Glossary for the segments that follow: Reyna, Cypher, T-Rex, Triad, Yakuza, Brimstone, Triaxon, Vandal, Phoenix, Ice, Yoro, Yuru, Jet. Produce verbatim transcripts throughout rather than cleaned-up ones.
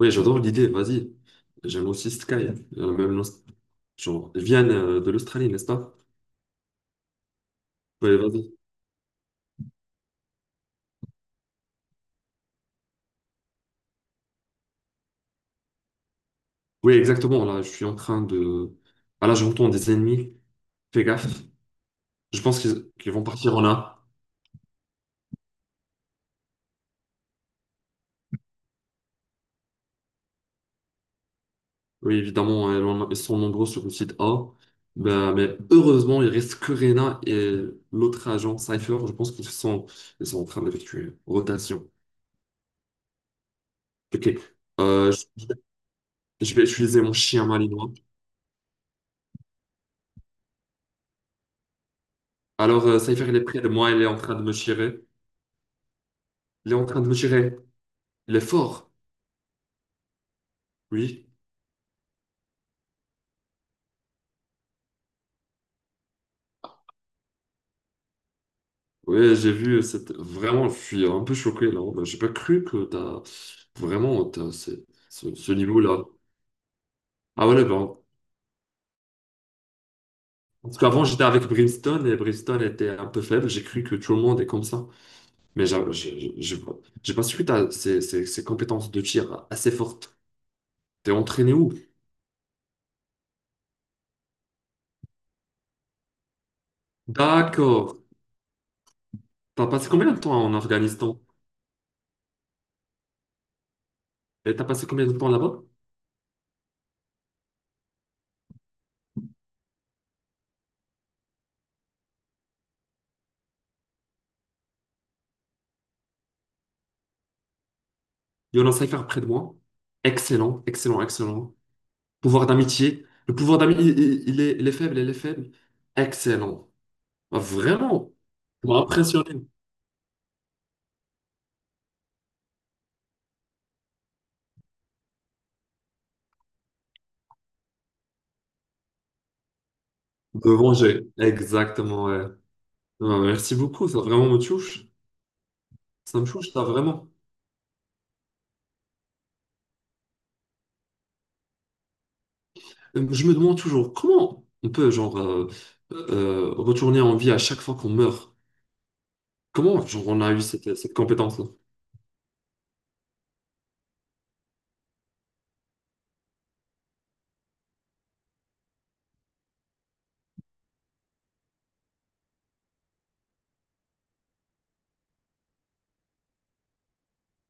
Oui, j'adore l'idée, vas-y. J'aime aussi Sky, hein. Euh, même l'Aust- genre, ils viennent euh, de l'Australie, n'est-ce pas? Oui, vas-y. Oui, exactement, là, je suis en train de... Ah là, j'entends des ennemis, fais gaffe. Je pense qu'ils qu'ils vont partir en A. Oui, évidemment, euh, on- ils sont nombreux sur le site A. Ben, mais heureusement, il reste que Reyna et l'autre agent, Cypher, je pense qu'ils sont, ils sont en train d'effectuer une rotation. Ok. Euh, je je vais utiliser mon chien malinois. Alors, euh, Cypher, il est près de moi, il est en train de me tirer. Il est en train de me tirer. Il est fort. Oui. Oui, j'ai vu cette... Vraiment, je suis un peu choqué là. Ben, j'ai pas cru que t'as... Vraiment, t'as ce, ce- ce niveau-là. Ah ouais, bon. Parce qu'avant, j'étais avec Brimstone et Brimstone était un peu faible. J'ai cru que tout le monde est comme ça. Mais j'ai j'ai- j'ai- j'ai pas su que t'as ces, ces- ces compétences de tir assez fortes. T'es entraîné où? D'accord. T'as passé combien de temps en Afghanistan? Et t'as passé combien de temps là-bas? Il y en a un cypher près de moi. Excellent, excellent, excellent. Pouvoir d'amitié. Le pouvoir d'amitié, il, il- il est, il est faible, il est faible. Excellent. Ah, vraiment. Tu m'as impressionné. De venger. Exactement, ouais. Ah, merci beaucoup. Ça vraiment me touche. Ça me touche, ça vraiment. Euh, Je me demande toujours comment on peut, genre, euh, euh, retourner en vie à chaque fois qu'on meurt. Comment, genre, on a eu cette, cette compétence-là?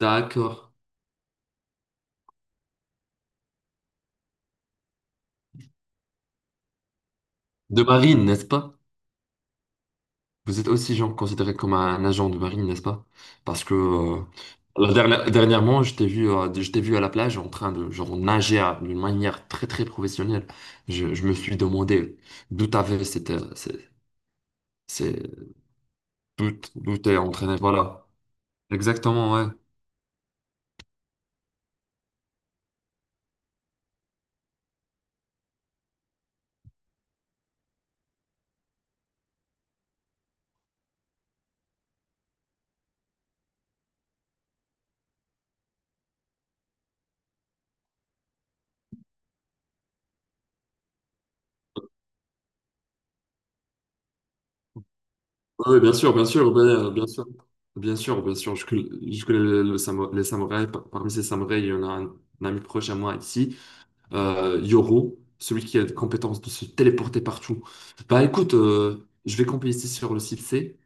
D'accord. De marine, n'est-ce pas? Vous êtes aussi genre considéré comme un agent de marine, n'est-ce pas? Parce que euh, la dernière- dernièrement, je t'ai vu, euh, je t'ai vu à la plage en train de genre nager à- d'une manière très très professionnelle. Je, je me suis demandé d'où t'avais cette, euh, c'est, c'est, d'où t- d'où t'es entraîné. Voilà. Exactement, ouais. Oui, bien sûr, bien sûr, ben, euh, bien, sûr, bien sûr, bien sûr. Je, conna- je connais le- le samo- les samouraïs. Par- Parmi ces samouraïs, il y en a un, un ami proche à moi ici. euh, Yoro, celui qui a la compétence de se téléporter partout. Bah écoute, euh, je vais camper ici sur le site C.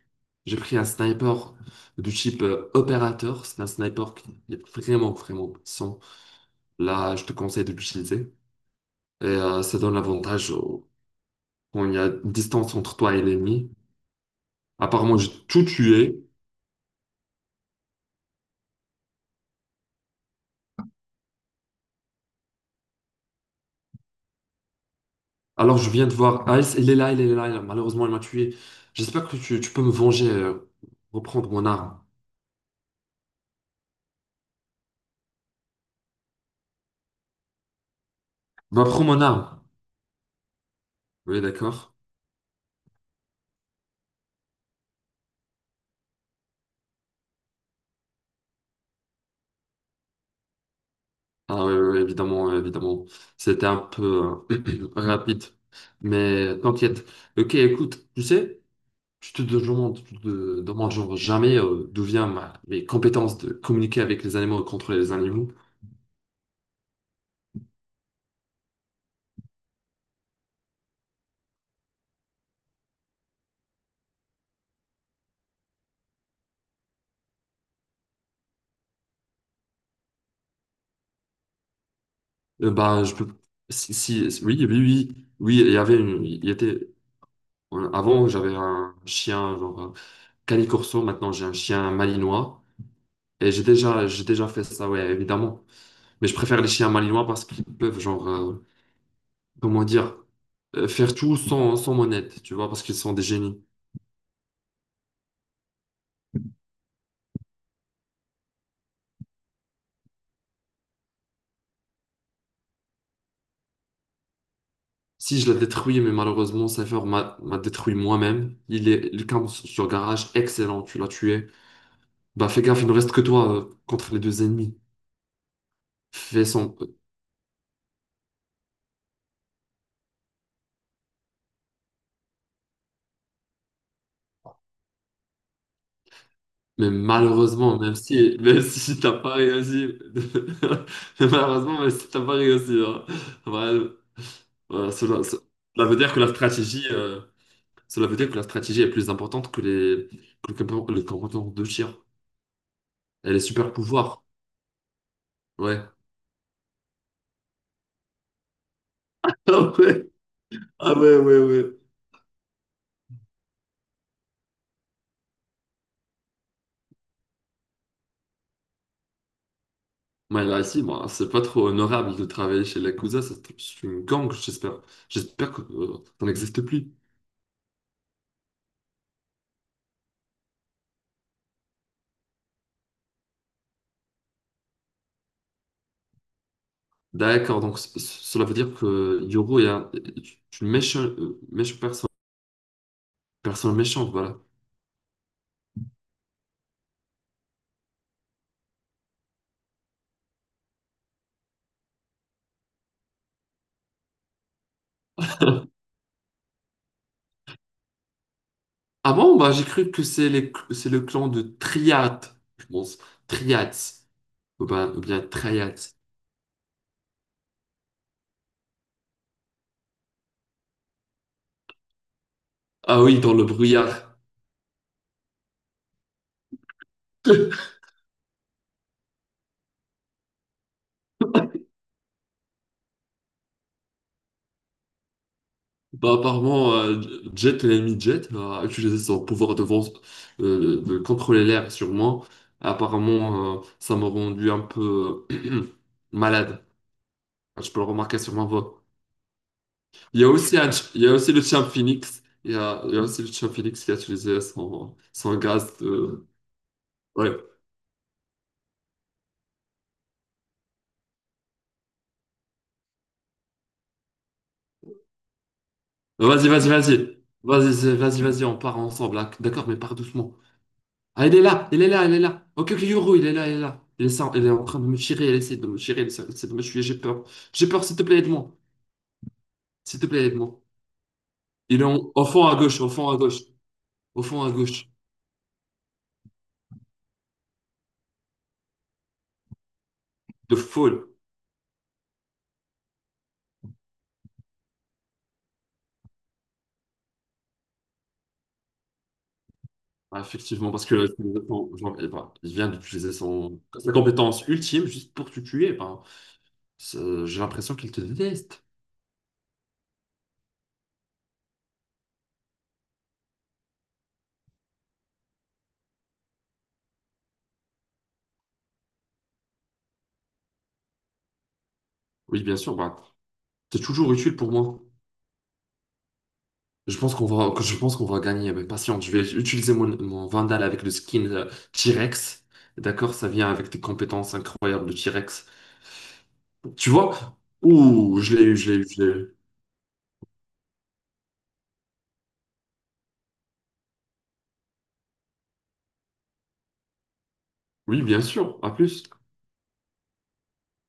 J'ai pris un sniper du type euh, opérateur. C'est un sniper qui est vraiment, vraiment puissant. Là, je te conseille de l'utiliser. Et euh, ça donne l'avantage au- quand il y a une distance entre toi et l'ennemi. Apparemment, j'ai tout tué. Alors, je viens de voir Ice. Il est là, il est là, il est là. Malheureusement, il m'a tué. J'espère que tu, tu peux me venger, euh, reprendre mon arme. Bah, prends mon arme. Oui, d'accord. Ah oui, oui, oui, évidemment, oui, évidemment. C'était un peu euh, rapide. Mais t'inquiète. Ok, écoute, tu sais, tu te demandes, tu te demandes genre jamais euh, d'où viennent ma, mes compétences de communiquer avec les animaux et contrôler les animaux. Euh, bah, je peux. Si, si- si- oui, oui, oui, oui, il y avait une. Il y était. euh, Avant, j'avais un chien, genre euh, canicorso. Maintenant, j'ai un chien malinois. Et j'ai déjà, j'ai déjà fait ça, ouais, évidemment. Mais je préfère les chiens malinois parce qu'ils peuvent, genre, euh, comment dire, euh, faire tout sans, sans mon aide, tu vois, parce qu'ils sont des génies. Si je la détruis, mais malheureusement, Cypher m'a m'a détruit moi-même. Il est le camp sur garage, excellent, tu l'as tué. Bah fais gaffe, il ne reste que toi euh, contre les deux ennemis. Fais son... Mais malheureusement, même si, même si t'as pas réussi, mais malheureusement, même si t'as pas réussi, hein. Voilà, voilà, cela, ce- cela veut dire que la stratégie, euh, cela veut dire que la stratégie est plus importante que les, que le compo- le comportement de tir. Elle est super pouvoir. Ouais. Ah ouais. Ah ouais, ouais, ouais. Moi, là, ici, moi, c'est pas trop honorable de travailler chez Yakuza. C'est c'est une gang, j'espère. J'espère que euh, ça n'existe plus. D'accord, donc c- c- cela veut dire que Yoro est, un- est une méchante personne. Personne méchante, voilà. Ah bon, bah, j'ai cru que c'est les cl- c'est le clan de Triad, je pense. Triads. Ou ben- ou bien Triads. Ah oui, dans le brouillard. Bah, apparemment, euh, Jet, l'ennemi de Jet, a utilisé son pouvoir de, vent- euh, de contrôler l'air sur moi. Apparemment, euh, ça m'a rendu un peu malade. Ah, je peux le remarquer sur ma voix. Il y a aussi, un ch- il y a aussi le champ Phoenix. Il y a, il y a aussi le champ Phoenix qui a utilisé son, son gaz de... Ouais. Euh, Vas-y, vas-y, vas-y. Vas-y, c'est- vas-y, vas-y, on part ensemble là. D'accord, mais pars doucement. Ah, il est là, il est là, il est là. Ok, ok, Yuru, il est là, il est là. Il est, ça, il est en train de me tirer, il essaie de me tirer, il essaie de me tuer, j'ai peur. J'ai peur, s'il te plaît, aide-moi. S'il te plaît, aide-moi. Il est en- au fond à gauche, au fond à gauche, au fond à gauche, de foule. Ah, effectivement, parce que là, je me genre, eh ben, il vient d'utiliser son... sa compétence ultime juste pour te tuer. Ben, c'est- j'ai l'impression qu'il te déteste. Oui, bien sûr, bah, t'es toujours utile pour moi. Je pense qu'on va, que je pense qu'on va gagner, mais patience, je vais utiliser mon, mon Vandal avec le skin euh, T-Rex. D'accord, ça vient avec des compétences incroyables de T-Rex. Tu vois? Ouh, je l'ai eu, je l'ai eu, je l'ai eu. Oui, bien sûr, à plus.